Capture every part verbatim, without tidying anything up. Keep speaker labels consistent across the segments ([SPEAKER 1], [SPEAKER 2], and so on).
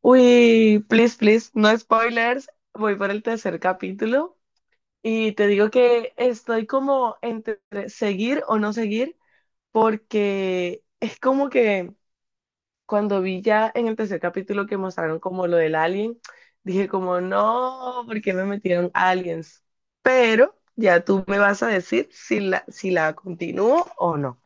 [SPEAKER 1] Uy, please, please, no spoilers. Voy por el tercer capítulo y te digo que estoy como entre seguir o no seguir porque es como que cuando vi ya en el tercer capítulo que mostraron como lo del alien, dije como no, ¿por qué me metieron aliens? Pero ya tú me vas a decir si la, si la continúo o no.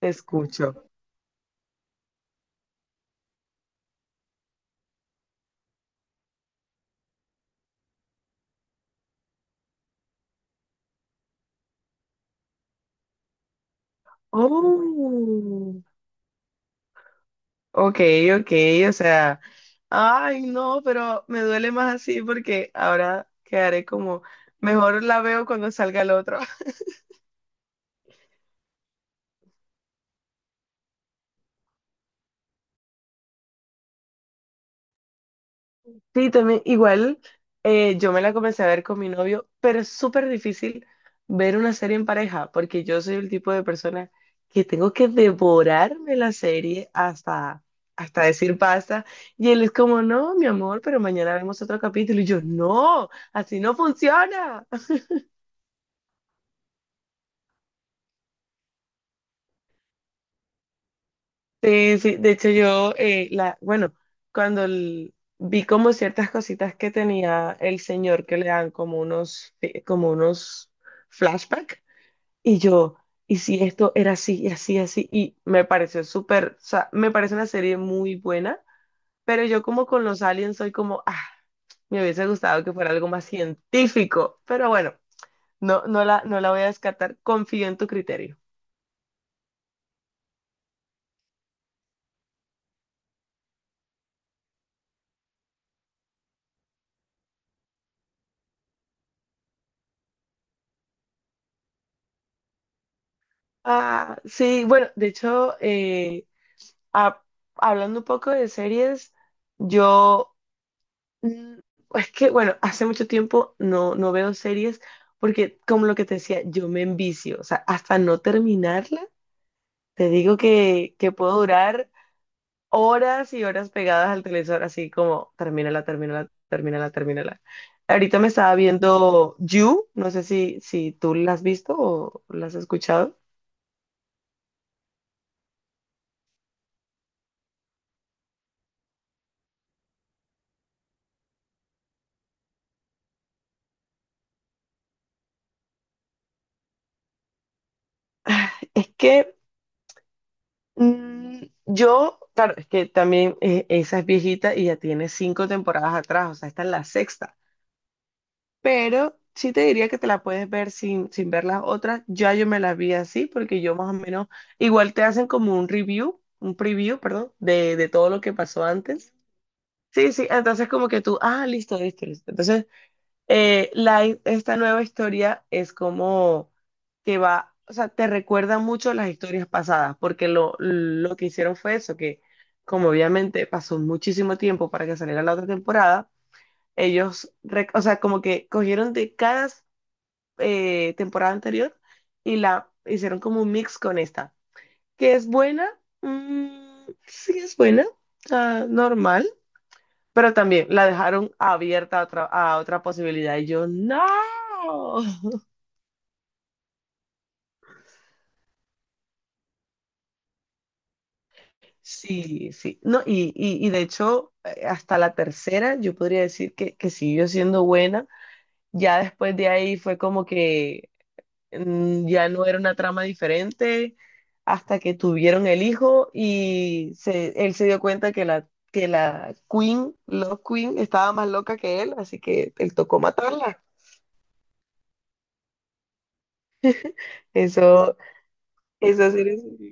[SPEAKER 1] Te escucho. Oh. Ok, ok, o sea, ay, no, pero me duele más así porque ahora quedaré como, mejor la veo cuando salga el otro. Sí, también, igual, eh, yo me la comencé a ver con mi novio, pero es súper difícil ver una serie en pareja porque yo soy el tipo de persona que tengo que devorarme la serie hasta, hasta decir basta. Y él es como, no, mi amor, pero mañana vemos otro capítulo. Y yo, no, así no funciona. Sí, sí, de hecho yo, eh, la, bueno, cuando el- vi como ciertas cositas que tenía el señor que le dan como unos, eh, como unos flashback, y yo, y si esto era así, y así, así, y me pareció súper, o sea, me parece una serie muy buena, pero yo como con los aliens soy como, ah, me hubiese gustado que fuera algo más científico, pero bueno, no, no la, no la voy a descartar, confío en tu criterio. Ah, sí, bueno, de hecho, eh, ha- hablando un poco de series, yo, mm, es que, bueno, hace mucho tiempo no, no veo series porque, como lo que te decía, yo me envicio, o sea, hasta no terminarla, te digo que, que puedo durar horas y horas pegadas al televisor, así como, termínala, termínala, termínala, termínala. Ahorita me estaba viendo You, no sé si, si tú la has visto o la has escuchado. Es que... Mm, yo, claro, es que también eh, esa es viejita y ya tiene cinco temporadas atrás, o sea, esta es la sexta. Pero sí te diría que te la puedes ver sin, sin ver las otras. Ya yo me las vi así, porque yo más o menos, igual te hacen como un review, un preview, perdón, de, de todo lo que pasó antes. Sí, sí, entonces como que tú, ah, listo, listo, listo. Entonces eh, la, hi- esta nueva historia es como que va, o sea, te recuerda mucho las historias pasadas, porque lo, lo que hicieron fue eso, que como obviamente pasó muchísimo tiempo para que saliera la otra temporada, ellos, re- o sea, como que cogieron de cada eh, temporada anterior y la hicieron como un mix con esta, que es buena, mm, sí es buena, ah, normal, pero también la dejaron abierta a otra, a otra posibilidad. Y yo, no. Sí, sí. No, y, y, y de hecho, eh, hasta la tercera, yo podría decir que, que siguió siendo buena. Ya después de ahí fue como que mm, ya no era una trama diferente hasta que tuvieron el hijo y se, él se dio cuenta que la, que la Queen, Love Queen, estaba más loca que él, así que él tocó matarla. Eso, eso sí.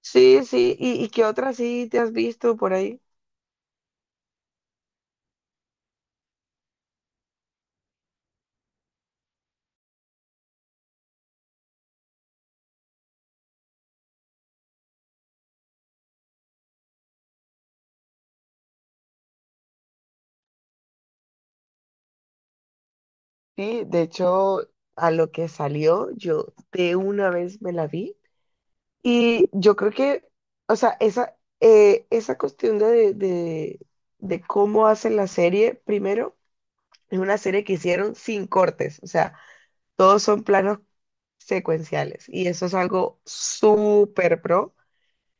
[SPEAKER 1] Sí, sí. ¿Y, y qué otra sí te has visto por ahí? Sí, de hecho, a lo que salió, yo de una vez me la vi y yo creo que, o sea, esa, eh, esa cuestión de, de, de cómo hacen la serie, primero, es una serie que hicieron sin cortes, o sea, todos son planos secuenciales y eso es algo súper pro.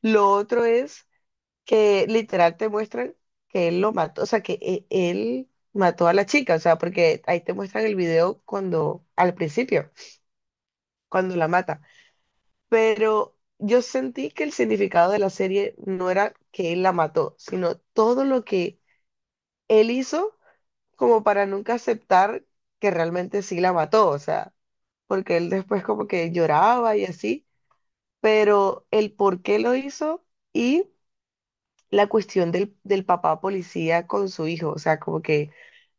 [SPEAKER 1] Lo otro es que literal te muestran que él lo mató, o sea, que e- él mató a la chica, o sea, porque ahí te muestran el video cuando, al principio, cuando la mata. Pero yo sentí que el significado de la serie no era que él la mató, sino todo lo que él hizo como para nunca aceptar que realmente sí la mató, o sea, porque él después como que lloraba y así, pero el por qué lo hizo. Y la cuestión del, del papá policía con su hijo, o sea, como que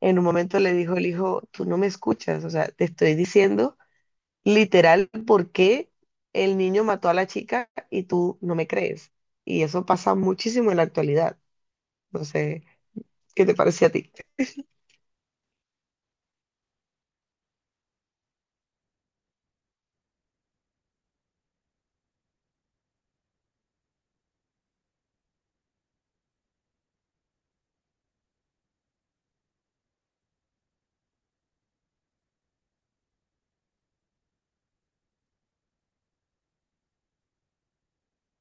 [SPEAKER 1] en un momento le dijo el hijo, tú no me escuchas, o sea, te estoy diciendo literal por qué el niño mató a la chica y tú no me crees. Y eso pasa muchísimo en la actualidad. No sé, ¿qué te parece a ti?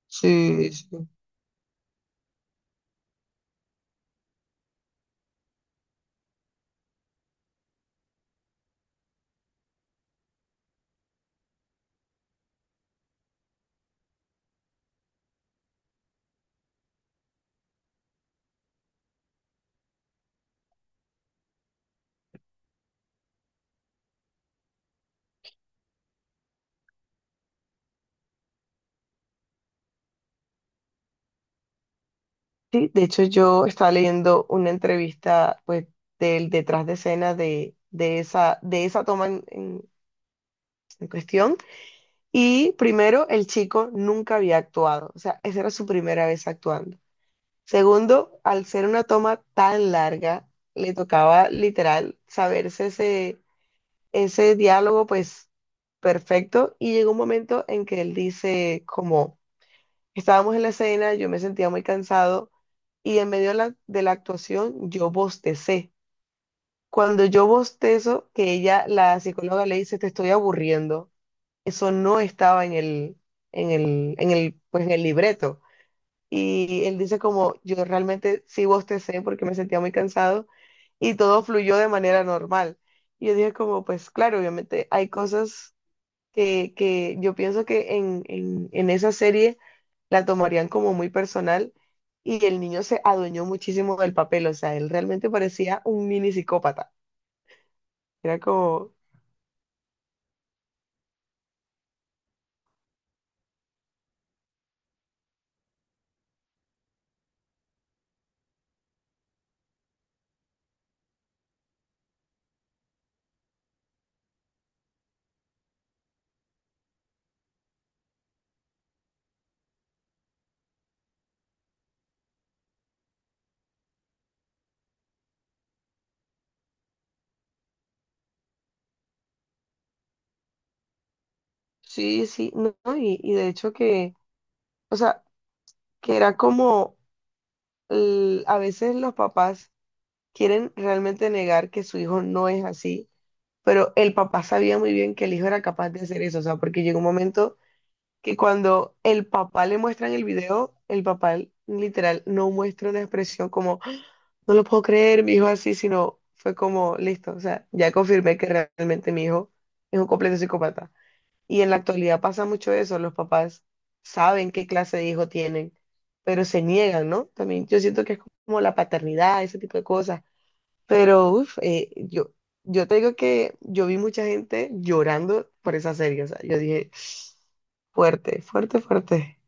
[SPEAKER 1] Sí, sí. Sí, de hecho yo estaba leyendo una entrevista pues del detrás de escena de, de esa, de esa toma en, en- en cuestión y primero el chico nunca había actuado, o sea, esa era su primera vez actuando. Segundo, al ser una toma tan larga, le tocaba literal saberse ese, ese diálogo pues perfecto, y llegó un momento en que él dice como... Estábamos en la escena, yo me sentía muy cansado y en medio de la, de la actuación yo bostecé. Cuando yo bostezo, que ella, la psicóloga le dice, te estoy aburriendo. Eso no estaba en el, en el, en el, pues en el libreto. Y él dice como, yo realmente sí bostecé porque me sentía muy cansado y todo fluyó de manera normal. Y yo dije como, pues claro, obviamente hay cosas que, que yo pienso que en, en en esa serie la tomarían como muy personal, y el niño se adueñó muchísimo del papel, o sea, él realmente parecía un mini psicópata. Era como, sí, sí, no, no, y, y de hecho que, o sea, que era como, l- a veces los papás quieren realmente negar que su hijo no es así, pero el papá sabía muy bien que el hijo era capaz de hacer eso, o sea, porque llegó un momento que cuando el papá le muestran el video, el papá literal no muestra una expresión como... No lo puedo creer, mi hijo así, sino fue como, listo, o sea, ya confirmé que realmente mi hijo es un completo psicópata. Y en la actualidad pasa mucho eso, los papás saben qué clase de hijo tienen, pero se niegan, ¿no? También yo siento que es como la paternidad, ese tipo de cosas. Pero, uff, yo, yo te digo que yo vi mucha gente llorando por esa serie, o sea, yo dije, fuerte, fuerte, fuerte.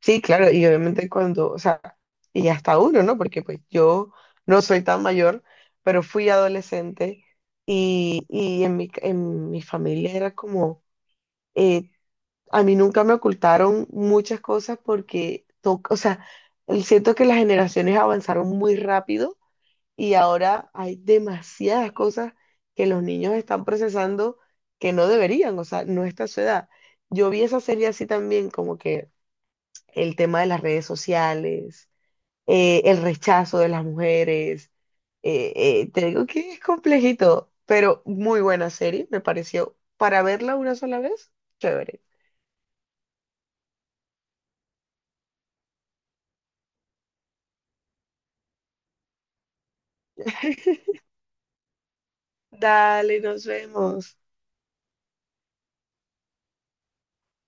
[SPEAKER 1] Sí, claro, y obviamente cuando, o sea, y hasta uno, ¿no? Porque pues yo no soy tan mayor, pero fui adolescente y, y en mi, en mi familia era como, eh, a mí nunca me ocultaron muchas cosas porque, to- o sea, siento que las generaciones avanzaron muy rápido y ahora hay demasiadas cosas que los niños están procesando que no deberían, o sea, no está a su edad. Yo vi esa serie así también, como que el tema de las redes sociales, eh, el rechazo de las mujeres. Eh, eh, te digo que es complejito, pero muy buena serie, me pareció. Para verla una sola vez, chévere. Dale, nos vemos.